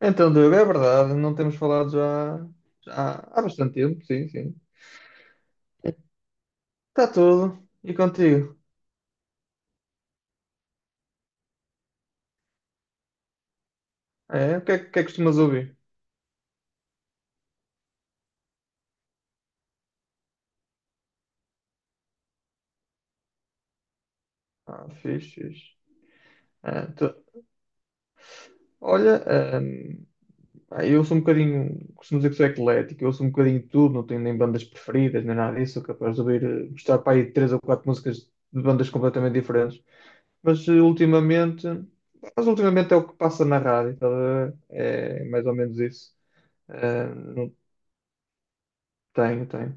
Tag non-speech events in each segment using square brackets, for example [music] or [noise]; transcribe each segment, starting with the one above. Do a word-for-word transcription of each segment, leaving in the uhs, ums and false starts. Então, Diogo, é verdade, não temos falado já, já há há bastante tempo, sim, sim. Está tudo. E contigo? É, o que é que que é que costumas ouvir? Ah, fixe, fixe. Ah, tu- olha, ahm, ah, eu sou um bocadinho, costumo dizer que sou eclético, eu sou um bocadinho de tudo, não tenho nem bandas preferidas, nem nada disso, sou capaz de ouvir, eh, gostar para aí de três ou quatro músicas de bandas completamente diferentes. Mas eh, ultimamente, mas ultimamente é o que passa na rádio, estás a ver? É mais ou menos isso. Ah, não, tenho, tenho.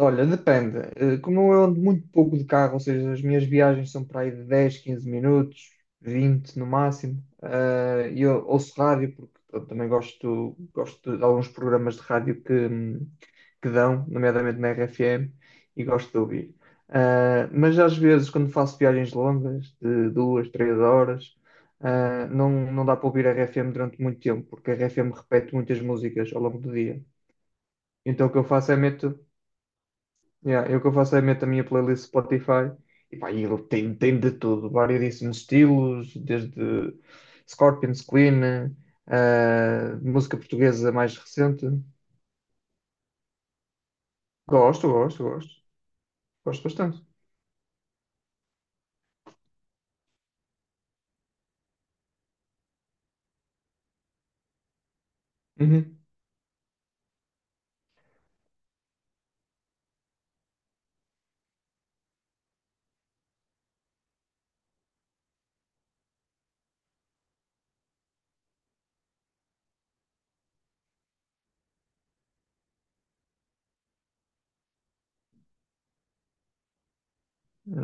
Olha, depende. Eh, Como eu ando muito pouco de carro, ou seja, as minhas viagens são para aí de dez, quinze minutos, vinte no máximo, eh, e eu ouço rádio, porque eu também gosto, gosto de alguns programas de rádio que, hum, que dão, nomeadamente na R F M, e gosto de ouvir. Eh, mas às vezes, quando faço viagens longas, de duas, três horas, eh, não, não dá para ouvir a R F M durante muito tempo, porque a R F M repete muitas músicas ao longo do dia. Então o que eu faço é meto. Yeah, eu que eu faço é meto a minha playlist Spotify e pá, e ele tem, tem, de tudo, variedíssimos estilos, desde Scorpions, Queen, eh, música portuguesa mais recente. Gosto, gosto, gosto. Gosto bastante. Uhum.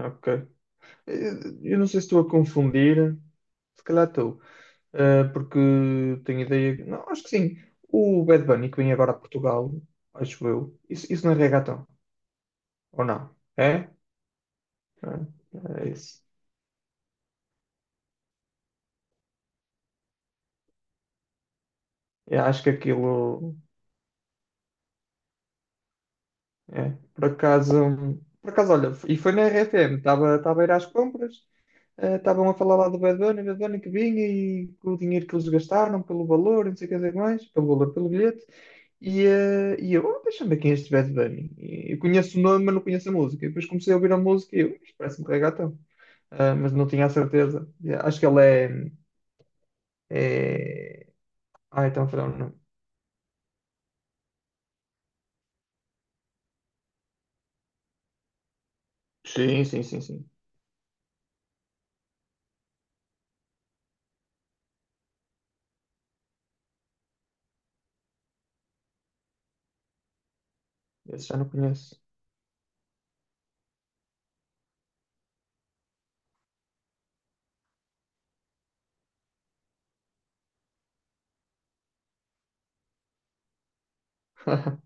Ok. Eh, Eu não sei se estou a confundir, se calhar estou, eh, porque tenho ideia. que- Não, acho que sim. O Bad Bunny que vem agora a Portugal, acho eu. Isso, isso não é reggaeton, ou não? É? É, é isso. Eu acho que aquilo é, por acaso, por acaso, olha, e foi na R F M, estava estava a ir às compras, eh, estavam a falar lá do Bad Bunny, Bad Bunny, que vinha e com o dinheiro que eles gastaram, pelo valor, não sei o que dizer mais, pelo valor, pelo bilhete, e, eh, e eu, oh, deixa-me ver quem é este Bad Bunny. E eu conheço o nome, mas não conheço a música. E depois comecei a ouvir a música e eu, isto parece-me reggaeton. Ah, mas não tinha a certeza. E acho que ele é, é... Ah, então, perdão, não. Sim, sim, sim, sim. Esse já não conheço. [laughs]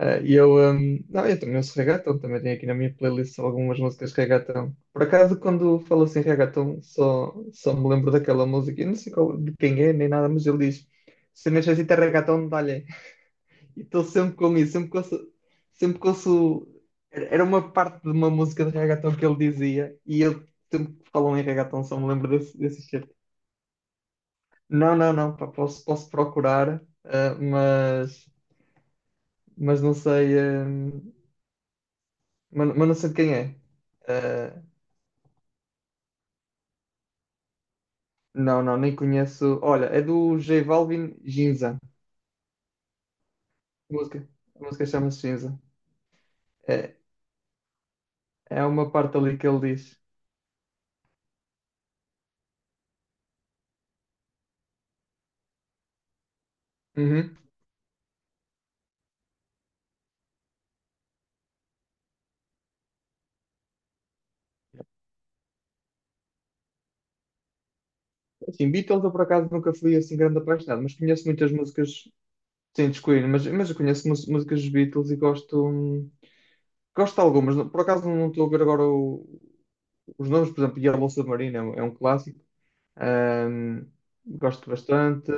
Ah, e eu, hum, não, eu também ouço reggaeton, também tenho aqui na minha playlist algumas músicas de reggaeton. Por acaso, quando falo assim reggaeton, só, só me lembro daquela música, eu não sei qual- de quem é, nem nada, mas ele diz, se necessita reggaeton, dá-lhe. E estou sempre com isso, sempre que ouço, sempre que ouço, era uma parte de uma música de reggaeton que ele dizia, e eu sempre que falam em reggaeton só me lembro desse, desse cheiro. Não, não, não, pá, posso, posso procurar, ah, mas, mas não sei. hum, Mas, mas não sei de quem é. Eh, não, não, nem conheço. Olha, é do J Balvin Ginza. A música, a música chama-se Ginza. É, é uma parte ali que ele diz. Uhum. Assim, Beatles eu por acaso nunca fui assim grande apaixonado, mas conheço muitas músicas sem descobrir, mas, mas eu conheço mus- músicas dos Beatles e gosto, hum, gosto de algumas. Não- Por acaso não estou a ver agora o- os nomes, por exemplo, Yellow Submarine é um, é um clássico. Ahm, gosto bastante.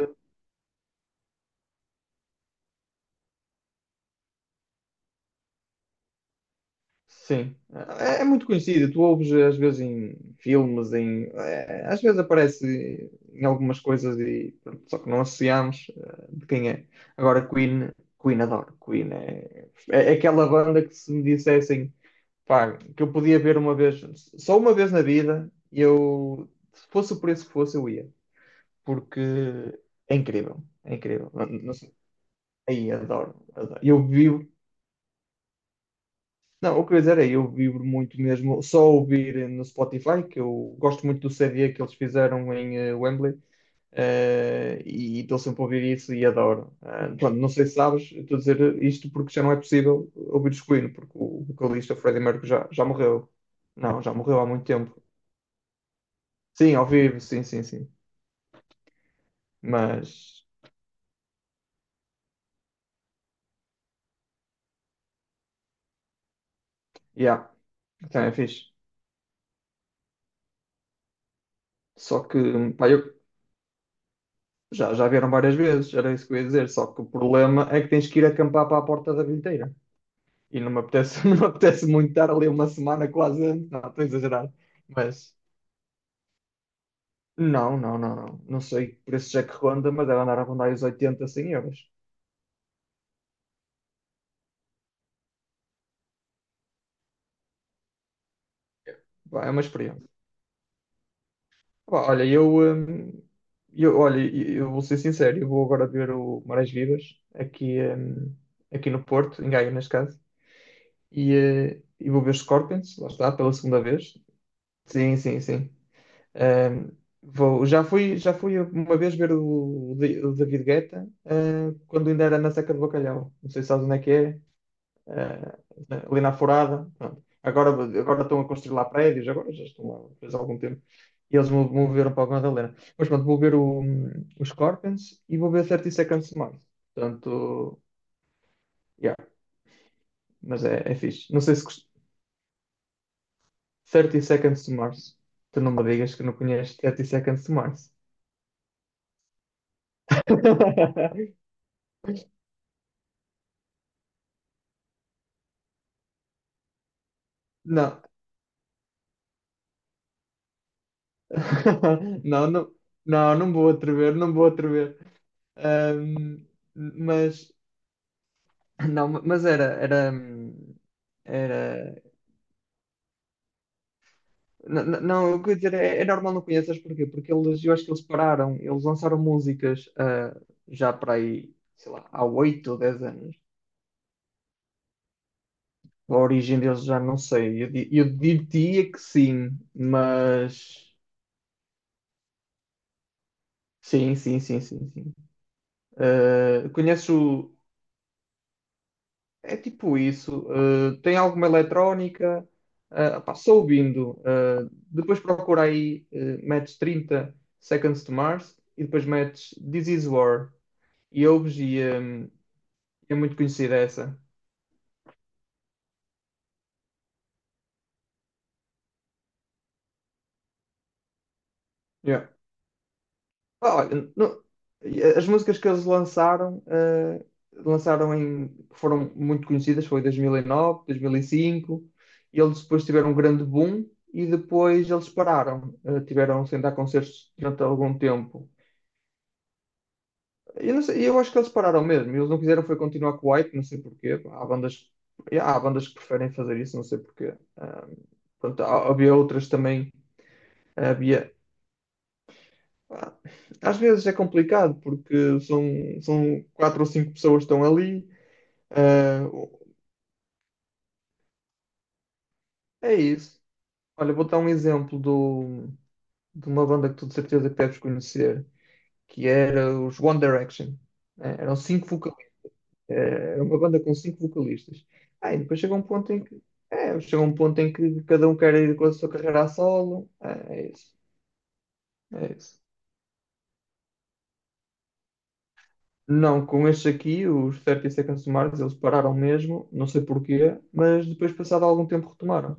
Sim, é, é muito conhecido. Tu ouves às vezes em filmes, em, é, às vezes aparece em algumas coisas e pronto, só que não associamos eh, de quem é. Agora Queen, Queen adoro. Queen é, é aquela banda que se me dissessem, pá, que eu podia ver uma vez, só uma vez na vida, eu se fosse o preço que fosse, eu ia, porque é incrível, é incrível. Não- não sei. Aí adoro, adoro. Eu vivo Não, o que eu ia dizer é, eu vibro muito mesmo, só ouvir no Spotify, que eu gosto muito do C D que eles fizeram em eh, Wembley, eh, e estou sempre a ouvir isso e adoro. Ah, pronto, não sei se sabes, estou a dizer isto porque já não é possível ouvir os Queen, porque o vocalista Freddie Mercury já, já morreu. Não, já morreu há muito tempo. Sim, ao vivo, sim, sim, sim. Mas, yeah, também é fixe. Só que, pá, eu já, já vieram várias vezes, era isso que eu ia dizer, só que o problema é que tens que ir acampar para a porta da bilheteira. E não me apetece, [laughs] não me apetece muito estar ali uma semana quase antes. Não, estou a exagerar. Mas não, não, não, não. Não sei que preço é que ronda, mas deve andar a rondar os oitenta cem euros. Pá, é uma experiência. Pá, olha, eu, hum, eu, olha, eu vou ser sincero, eu vou agora ver o Marés Vivas aqui, hum, aqui no Porto, em Gaia, neste caso. E, eh, e vou ver os Scorpions, lá está, pela segunda vez. Sim, sim, sim. Ahm, vou, já fui, já fui uma vez ver o, Di- o David Guetta, ah, quando ainda era na Seca do Bacalhau. Não sei se sabes onde é que é, ah, ali na Forada. Pronto. Agora, agora estão a construir lá prédios, agora já estão lá faz algum tempo. E eles mo- moveram para a Madalena. Mas pronto, vou ver o, os Scorpions e vou ver Thirty Seconds to Mars. Portanto, yeah, mas é, é fixe. Não sei se gost- thirty Seconds to Mars. Tu não me digas que não conheces Thirty Seconds to Mars. [laughs] Não. [laughs] Não, não, não, não vou atrever, não vou atrever. Ahm, mas, não, mas era, era, era, não, não, não, eu queria dizer, é, é normal não conheças porquê? Porque eles, eu acho que eles pararam, eles lançaram músicas, ah, já para aí, sei lá, há oito ou dez anos. A origem deles já não sei, eu, di- eu diria que sim, mas, sim, sim, sim, sim, sim. Ah, conheço. É tipo isso. eh, tem alguma eletrónica? eh, pá, sou ouvindo. eh, depois procura aí, eh, metes thirty Seconds to Mars e depois metes This Is War. E ouves e eh, é muito conhecida essa. Yeah. Ah, olha, no- as músicas que eles lançaram, eh, lançaram em, foram muito conhecidas, foi dois mil e nove, dois mil e cinco. E nove, dois mil e cinco, e eles depois tiveram um grande boom e depois eles pararam. eh, tiveram sem dar concertos durante algum tempo. Eu, não sei, eu acho que eles pararam mesmo. Eles não quiseram foi continuar com o White, não sei porquê. Há bandas, yeah, há bandas que preferem fazer isso, não sei porquê. Ah, pronto, há- havia outras também. Havia. ah, Às vezes é complicado porque são, são quatro ou cinco pessoas que estão ali. Ah, é isso. Olha, vou dar um exemplo do, de uma banda que tu de certeza que deves conhecer, que era os One Direction, né? Eram cinco. É uma banda com cinco vocalistas. Ah, e depois chega um ponto em que é, chega um ponto em que cada um quer ir com a sua carreira a solo. É, é isso. É isso. Não, com estes aqui, os thirty Seconds to Mars, eles pararam mesmo, não sei porquê, mas depois, passado algum tempo, retomaram.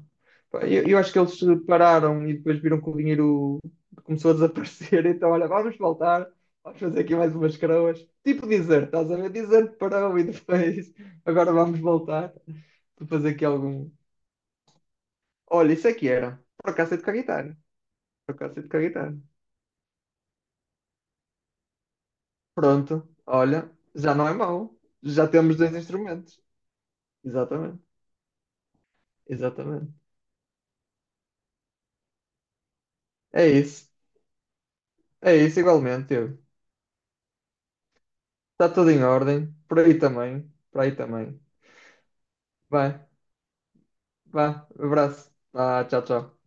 Pá, Eu, eu acho que eles pararam e depois viram que o dinheiro começou a desaparecer, [laughs] então, olha, vamos voltar, vamos fazer aqui mais umas croas. Tipo Desert, estás a ver? Desert parou e depois, [laughs] agora vamos voltar para fazer aqui algum. Olha, isso aqui era. Procacete com a guitarra. Procacete com a guitarra. Pronto. Olha, já não é mau. Já temos dois instrumentos. Exatamente. Exatamente. É isso. É isso igualmente, eu. Está tudo em ordem. Por aí também. Por aí também. Vai. Vá. Abraço. Vá. Tchau, tchau.